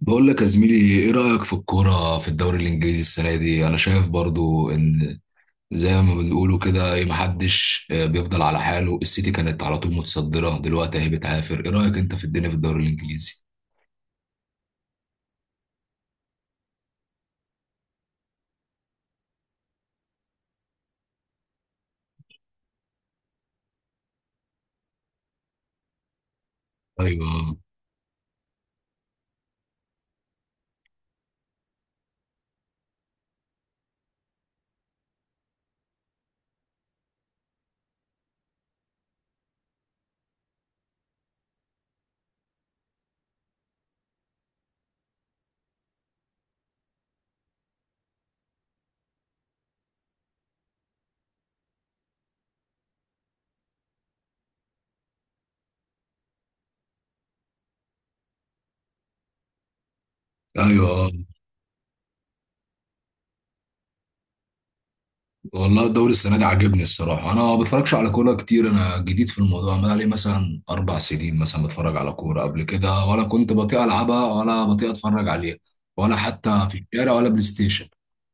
بقول لك يا زميلي، ايه رأيك في الكورة في الدوري الانجليزي السنة دي؟ انا شايف برضو ان زي ما بنقولوا كده ايه، محدش بيفضل على حاله. السيتي كانت على طول متصدرة، دلوقتي اهي بتعافر. ايه رأيك انت في الدنيا في الدوري الانجليزي؟ ايوه، ايوه. والله الدوري السنة دي عاجبني الصراحة. انا ما بتفرجش على كورة كتير، انا جديد في الموضوع. انا لي مثلا 4 سنين مثلا بتفرج على كورة. قبل كده ولا كنت بطيء العبها ولا بطيء اتفرج عليها، ولا حتى في الشارع ولا بلاي ستيشن.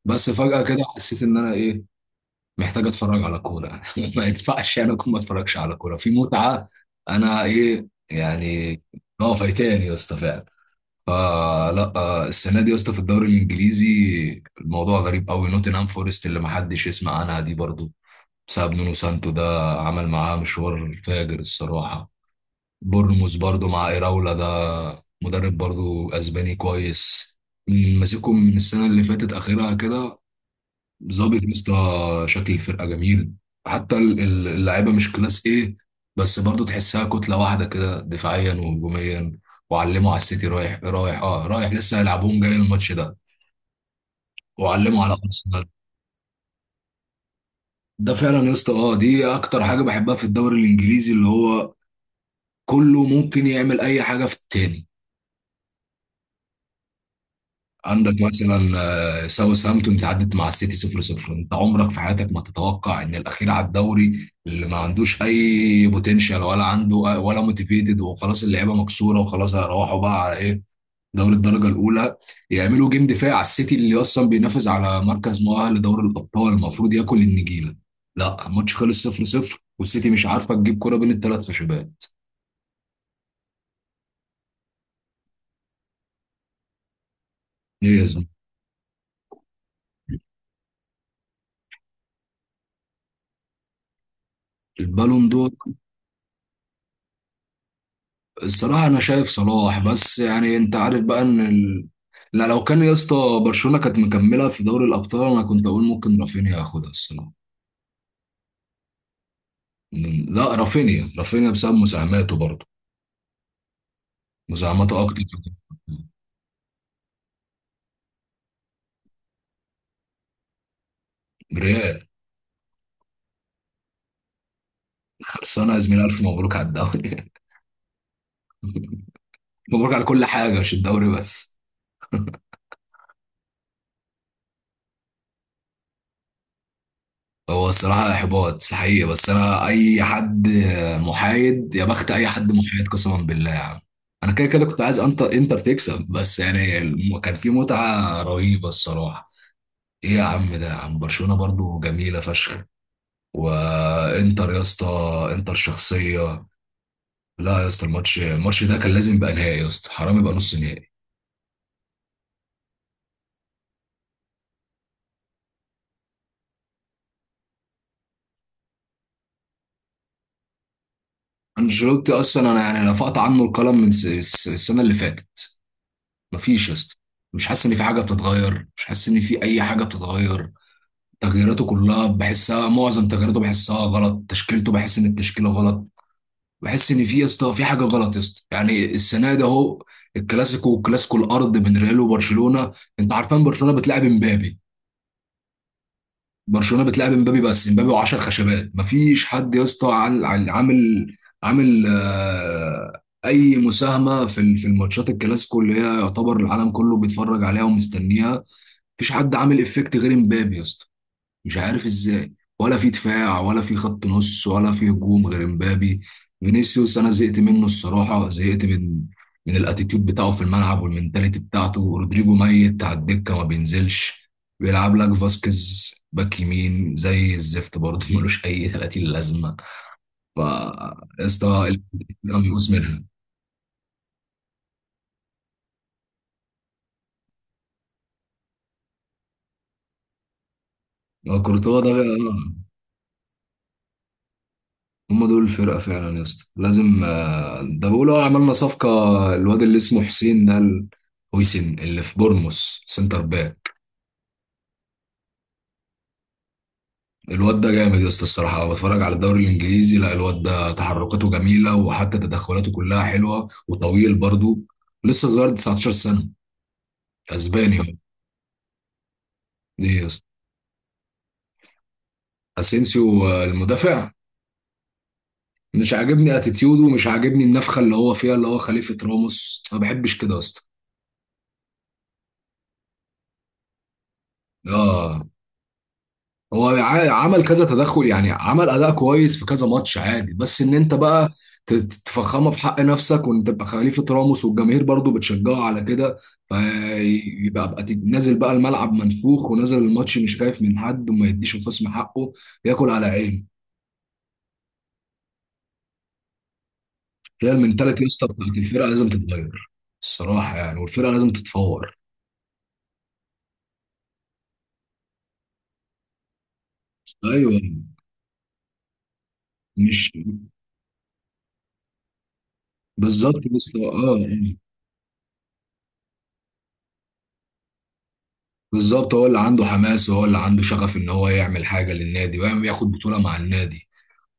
بس فجأة كده حسيت ان انا ايه، محتاج اتفرج على كوره ما ينفعش يعني اكون ما اتفرجش على كوره في متعه. انا ايه يعني؟ ما هو فايتاني يا اسطى فعلا. فلا السنه دي يا اسطى في الدوري الانجليزي الموضوع غريب قوي. نوتنهام فورست اللي ما حدش يسمع عنها دي برضو، بسبب نونو سانتو ده، عمل معاه مشوار فاجر الصراحه. بورنموث برضو مع ايراولا ده، مدرب برضو اسباني كويس، ماسكهم من السنه اللي فاتت اخرها كده. ظابط يا اسطى. شكل الفرقه جميل. حتى اللعيبه مش كلاس ايه، بس برضو تحسها كتله واحده كده دفاعيا وهجوميا. وعلموا على السيتي، رايح رايح اه رايح لسه هيلعبوهم جاي الماتش ده، وعلموا على ارسنال. ده فعلا يا اسطى، اه دي اكتر حاجه بحبها في الدوري الانجليزي، اللي هو كله ممكن يعمل اي حاجه في التاني. عندك مثلا ساوثهامبتون تعدت مع السيتي 0-0. انت عمرك في حياتك ما تتوقع ان الاخير على الدوري اللي ما عندوش اي بوتنشال ولا عنده ولا موتيفيتد وخلاص اللعيبه مكسوره وخلاص هيروحوا بقى على ايه، دوري الدرجه الاولى، يعملوا جيم دفاعي على السيتي اللي اصلا بينافس على مركز مؤهل لدوري الابطال المفروض ياكل النجيله. لا الماتش خلص 0-0 والسيتي مش عارفه تجيب كره بين الثلاث خشبات. ايه يا زلمه؟ البالون دور. الصراحة أنا شايف صلاح، بس يعني أنت عارف بقى إن ال... لا لو كان يا اسطى، برشلونة كانت مكملة في دوري الأبطال أنا كنت أقول ممكن رافينيا ياخدها الصراحة. لا، رافينيا. رافينيا بسبب مساهماته برضه، مساهماته أكتر. ريال. خلصانة يا زميلي، ألف مبروك على الدوري مبروك على كل حاجة، مش الدوري بس. هو الصراحة إحباط حقيقي، بس أنا أي حد محايد يا بخت، أي حد محايد قسما بالله يا عم. أنا كده كده كنت عايز أنت إنتر تكسب، بس يعني كان في متعة رهيبة الصراحة. إيه يا عم ده يا عم، برشلونة برضو جميلة فشخ، وإنتر يا اسطى إنتر شخصية. لا يا اسطى الماتش ده كان لازم يبقى نهائي يا اسطى، حرام يبقى نص نهائي. أنشيلوتي أصلا أنا يعني رفعت عنه القلم من السنة اللي فاتت. مفيش يا اسطى. مش حاسس ان في حاجه بتتغير، مش حاسس ان في اي حاجه بتتغير. تغييراته كلها بحسها، معظم تغييراته بحسها غلط. تشكيلته بحس ان التشكيله غلط. بحس ان في يا اسطى في حاجه غلط يا اسطى. يعني السنه ده اهو الكلاسيكو، والكلاسيكو الارض بين ريال وبرشلونه. انت عارفان برشلونه بتلعب امبابي. برشلونه بتلعب امبابي، بس امبابي و10 خشبات. مفيش حد يا اسطى عامل، عامل اي مساهمه في في الماتشات الكلاسيكو اللي هي يعتبر العالم كله بيتفرج عليها ومستنيها. مفيش حد عامل افكت غير امبابي يا اسطى. مش عارف ازاي، ولا في دفاع ولا في خط نص ولا في هجوم غير امبابي. فينيسيوس انا زهقت منه الصراحه، زهقت من الاتيتيود بتاعه في الملعب والمنتاليتي بتاعته. رودريجو ميت على الدكه ما بينزلش. بيلعب لك فاسكيز باك يمين زي الزفت برضه، ملوش اي 30 لازمه. ف يا اسطى الكلام بيقوس منها. كورتوا ده، هم دول الفرقة فعلا يا اسطى. لازم ده بيقولوا عملنا صفقة. الواد اللي اسمه حسين ده هويسن اللي في بورنموث، سنتر باك. الواد ده جامد يا اسطى الصراحة. بتفرج على الدوري الإنجليزي، لا الواد ده تحركاته جميلة وحتى تدخلاته كلها حلوة وطويل برضو. لسه صغير 19 سنة، أسباني هو. ايه يا اسطى؟ أسينسيو المدافع. مش عاجبني اتيتيوده، مش عاجبني النفخة اللي هو فيها اللي هو خليفة راموس، ما بحبش كده يا اسطى. اه هو عمل كذا تدخل، يعني عمل اداء كويس في كذا ماتش عادي. بس ان انت بقى تفخمه في حق نفسك وان تبقى خليفه راموس والجماهير برضو بتشجعه على كده، فيبقى بقى نازل بقى الملعب منفوخ ونازل الماتش مش خايف من حد، وما يديش الخصم حقه، ياكل على عينه. هي المنتاليتي يا اسطى بتاعت الفرقه لازم تتغير. الصراحه يعني والفرقه لازم تتفور. ايوه، مش بالظبط بس اه. بالظبط، هو اللي عنده حماس وهو اللي عنده شغف ان هو يعمل حاجه للنادي ويعمل ياخد بطوله مع النادي.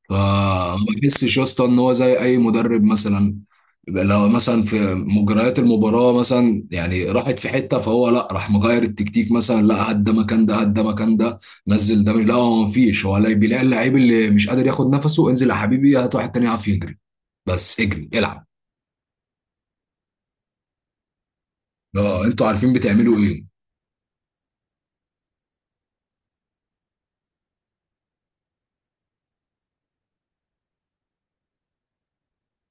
فما بحسش يا اسطى ان هو زي اي مدرب مثلا يبقى لو مثلا في مجريات المباراه مثلا يعني راحت في حته، فهو لا راح مغير التكتيك. مثلا لا هات ده مكان ده، هات ده مكان ده. نزل ده لا هو مفيش، هو لا بيلاقي اللعيب اللي مش قادر ياخد نفسه انزل يا حبيبي هات واحد تاني يعرف يجري. بس اجري العب. اه انتوا عارفين بتعملوا ايه.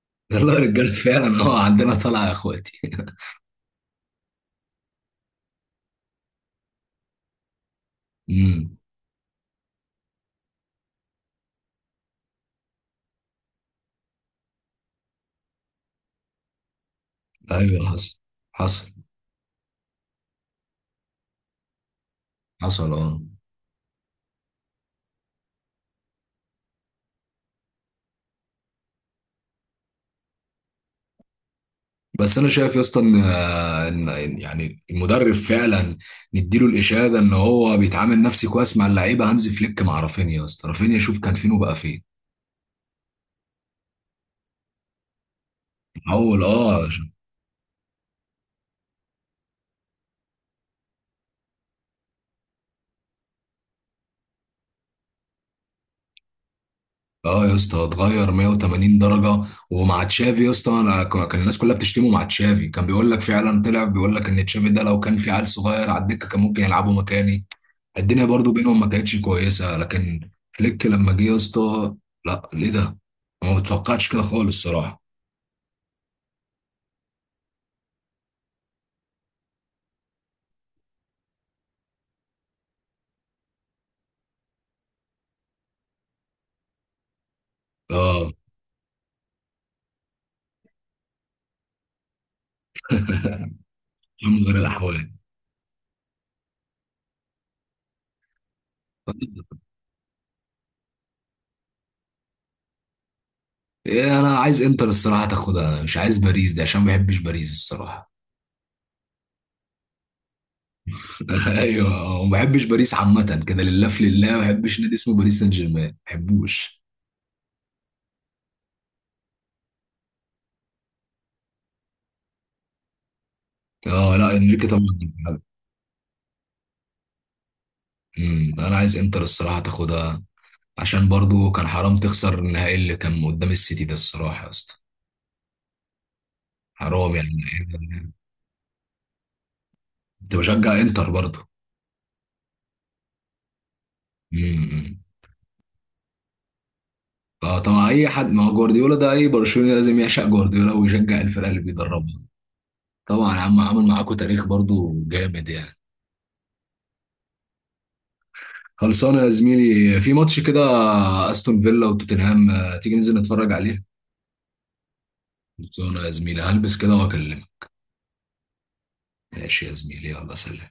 يلا يا رجاله فعلا، اه عندنا طلعه يا اخواتي امم. ايوه حصل، حصل، حصل. اه بس انا شايف يا اسطى ان إن يعني المدرب فعلا نديله الاشاده ان هو بيتعامل نفسي كويس مع اللعيبه. هانز فليك مع رافينيا يا اسطى، رافينيا شوف كان فين وبقى فين. اول اه. اه يا اسطى اتغير 180 درجه. ومع تشافي يا اسطى انا كان الناس كلها بتشتمه مع تشافي، كان بيقول لك فعلا طلع بيقول لك ان تشافي ده لو كان في عيل صغير على الدكه كان ممكن يلعبه مكاني. الدنيا برضو بينهم ما كانتش كويسه، لكن فليك لما جه يا اسطى، لا ليه ده؟ ما متوقعتش كده خالص الصراحه. اه. من غير الاحوال. إيه انا عايز انتر الصراحه تاخدها، انا مش عايز باريس دي عشان ما بحبش باريس الصراحه. ايوه وما بحبش باريس عامه كده، لله في لله ما بحبش نادي اسمه باريس سان جيرمان، ما بحبوش. اه لا، انريكي طبعا. أمم، انا عايز انتر الصراحه تاخدها عشان برضو كان حرام تخسر النهائي اللي كان قدام السيتي ده الصراحه يا اسطى، حرام يعني. كنت بشجع انتر برضه. امم. فطبعا اي حد، ما هو جوارديولا ده اي برشلوني لازم يعشق جوارديولا ويشجع الفرقه اللي بيدربها. طبعا يا عم عمل معاكم تاريخ برضه جامد يعني. خلصانه يا زميلي. في ماتش كده استون فيلا وتوتنهام، تيجي ننزل نتفرج عليه. خلصانه يا زميلي، هلبس كده واكلمك. ماشي يا زميلي، يلا سلام.